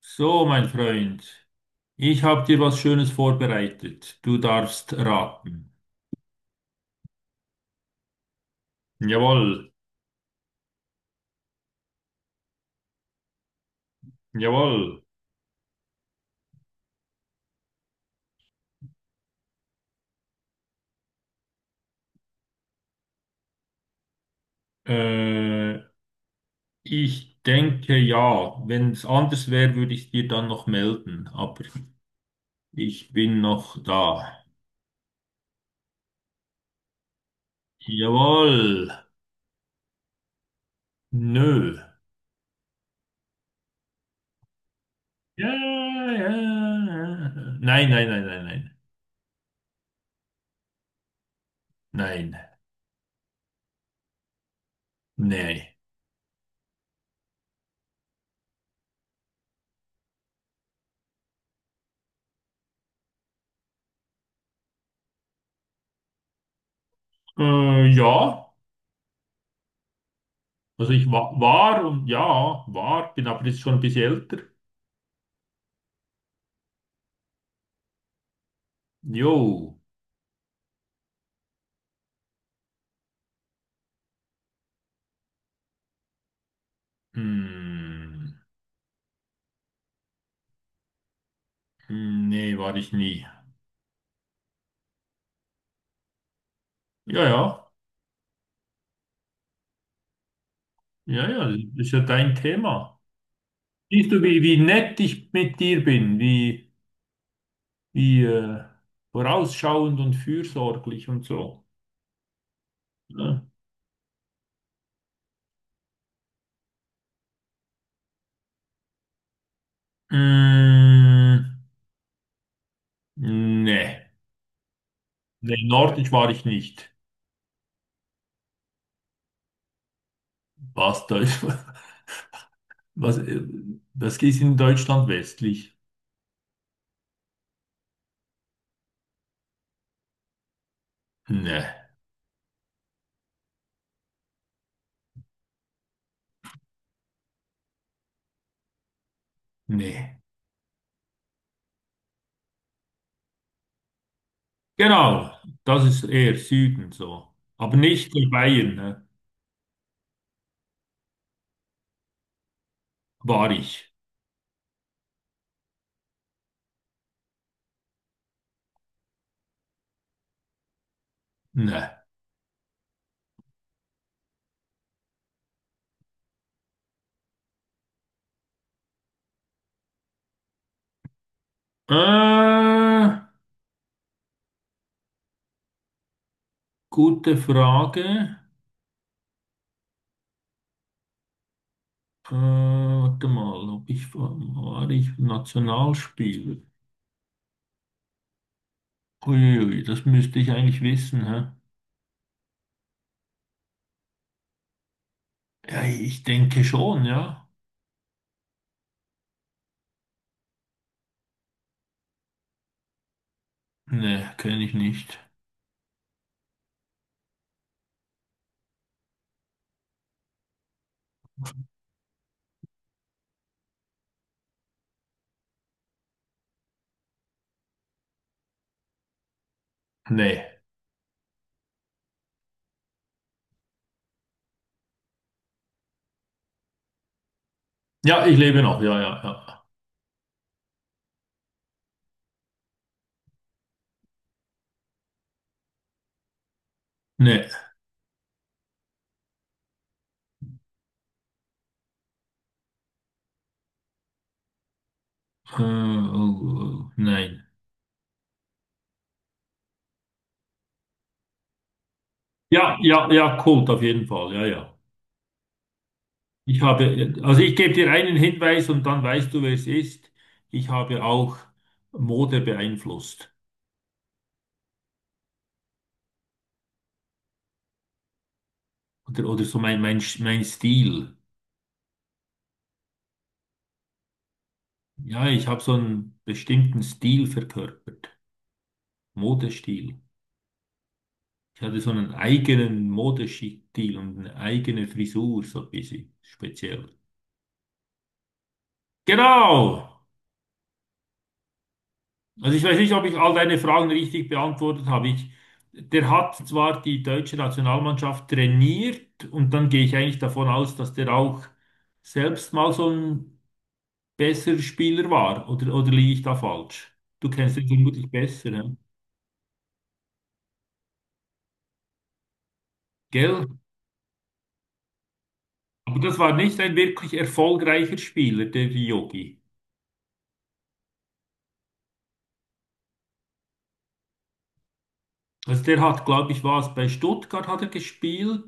So, mein Freund, ich habe dir was Schönes vorbereitet. Du darfst raten. Jawohl, jawohl. Äh, ich denke ja. Wenn es anders wäre, würde ich dir dann noch melden. Aber ich bin noch da. Jawohl. Nö. Ja, ja, ja. Nein, nein, nein, nein, nein. Nein, nein. Ja. Also ich wa war und ja, war, bin aber jetzt schon ein bisschen älter. Jo. Hm, nee, war ich nie. Ja, ja, ja, ja, das ist ja dein Thema. Siehst du, wie nett ich mit dir bin, wie vorausschauend und fürsorglich und so. Ne? Hm, nee, nee, nordisch war ich nicht. Was, Deutsch, was, was ist in Deutschland westlich? Nee, nee. Genau, das ist eher Süden so. Aber nicht in Bayern, ne? War ich. Nein. Äh, gute Frage. Warte mal, ob ich war ich Nationalspieler? Uiuiui, das müsste ich eigentlich wissen, hä? Ja, ich denke schon, ja. Ne, kenne ich nicht. Nee. Ja, ich lebe noch, ja, ja, ja. Nee. Oh, oh, nein. Ja, ja, ja, Kult auf jeden Fall, ja, ja. Ich habe, also ich gebe dir einen Hinweis und dann weißt du, wer es ist. Ich habe auch Mode beeinflusst. Oder so mein Stil. Ja, ich habe so einen bestimmten Stil verkörpert. Modestil. Ich hatte so einen eigenen Modestil und eine eigene Frisur, so ein bisschen speziell. Genau! Also ich weiß nicht, ob ich all deine Fragen richtig beantwortet habe. Der hat zwar die deutsche Nationalmannschaft trainiert und dann gehe ich eigentlich davon aus, dass der auch selbst mal so ein besserer Spieler war. Oder liege ich da falsch? Du kennst ihn vermutlich besser, ja? Gell? Aber das war nicht ein wirklich erfolgreicher Spieler, der Yogi. Also der hat, glaube ich, was bei Stuttgart hat er gespielt.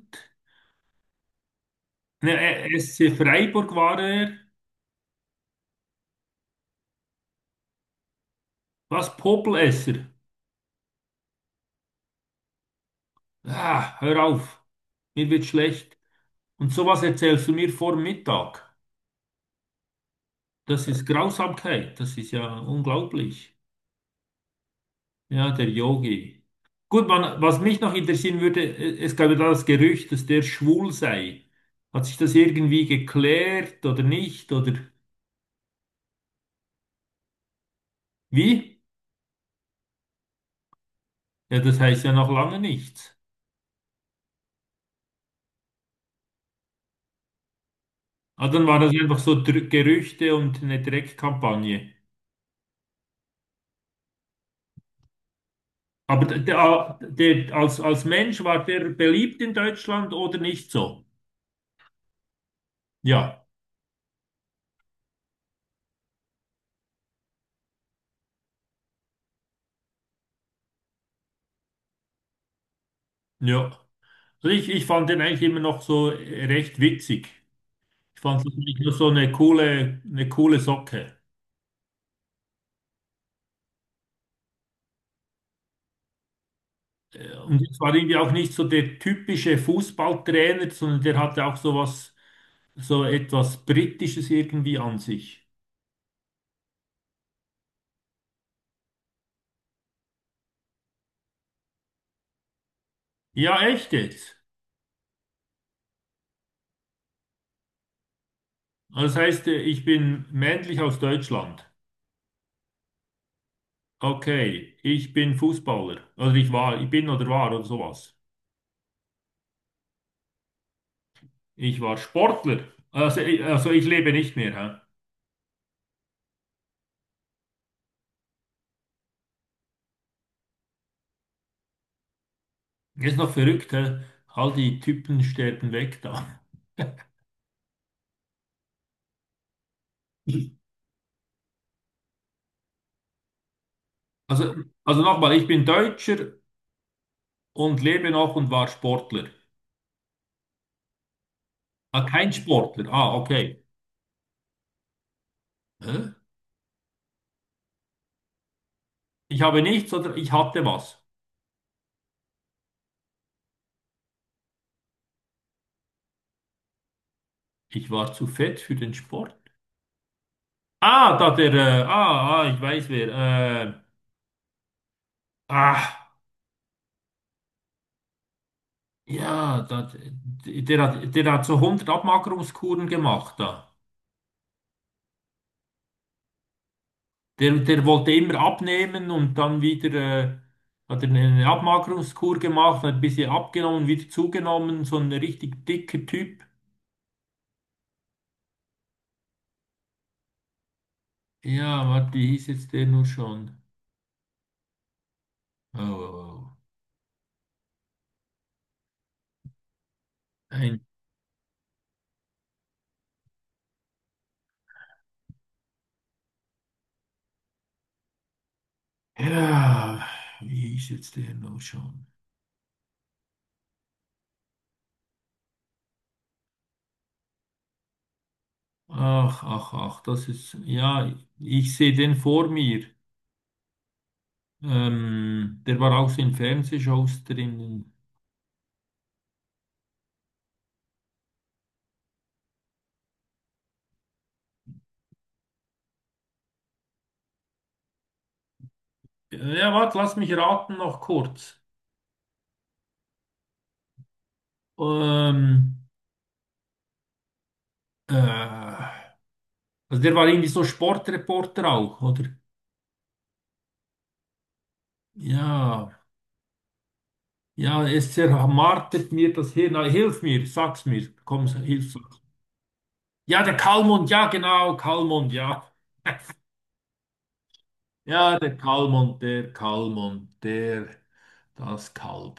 Ne, SC Freiburg war er. Was, Popelesser? Ah, hör auf, mir wird schlecht. Und sowas erzählst du mir vor Mittag. Das ist Grausamkeit, das ist ja unglaublich. Ja, der Yogi. Gut, man, was mich noch interessieren würde, es gab ja da das Gerücht, dass der schwul sei. Hat sich das irgendwie geklärt oder nicht? Oder? Wie? Ja, das heißt ja noch lange nichts. Ah, dann war das einfach so Dr Gerüchte und eine Dreckkampagne. Aber der als Mensch war der beliebt in Deutschland oder nicht so? Ja, ja. Also ich fand den eigentlich immer noch so recht witzig. Ich fand es eigentlich nur so eine coole Socke. Und es war irgendwie auch nicht so der typische Fußballtrainer, sondern der hatte auch so was, so etwas Britisches irgendwie an sich. Ja, echt jetzt. Das heißt, ich bin männlich aus Deutschland. Okay, ich bin Fußballer. Also ich war, ich bin oder war oder sowas. Ich war Sportler. Also, also ich lebe nicht mehr. Hä? Ist noch verrückt, hä? All die Typen sterben weg da. Also, also nochmal, ich bin Deutscher und lebe noch und war Sportler. Ah, kein Sportler. Ah, okay. Hä? Ich habe nichts oder ich hatte was. Ich war zu fett für den Sport. Ah, ich weiß wer. Äh, ah. Ja, da, der hat so hundert Abmagerungskuren gemacht da. Der wollte immer abnehmen und dann wieder äh, hat er eine Abmagerungskur gemacht, hat ein bisschen abgenommen, wieder zugenommen, so ein richtig dicker Typ. Ja, warte, wie hieß jetzt der nur schon? Oh, oh, oh. Ein, ja, wie hieß jetzt der nur schon? Ach, ach, ach, das ist, ja, ich sehe den vor mir. Der war auch so in Fernsehshows drin. Ja, warte, lass mich raten noch kurz. Ähm, äh, also der war irgendwie so Sportreporter auch, oder? Ja, ja, es zermartert mir das Hirn. Ah, hilf mir, sag's mir. Komm, hilf, sag's. Ja, der Kalmund, ja, genau, Kalmund, ja. Ja, der Kalmund, der Kalmund, der, das Kalb.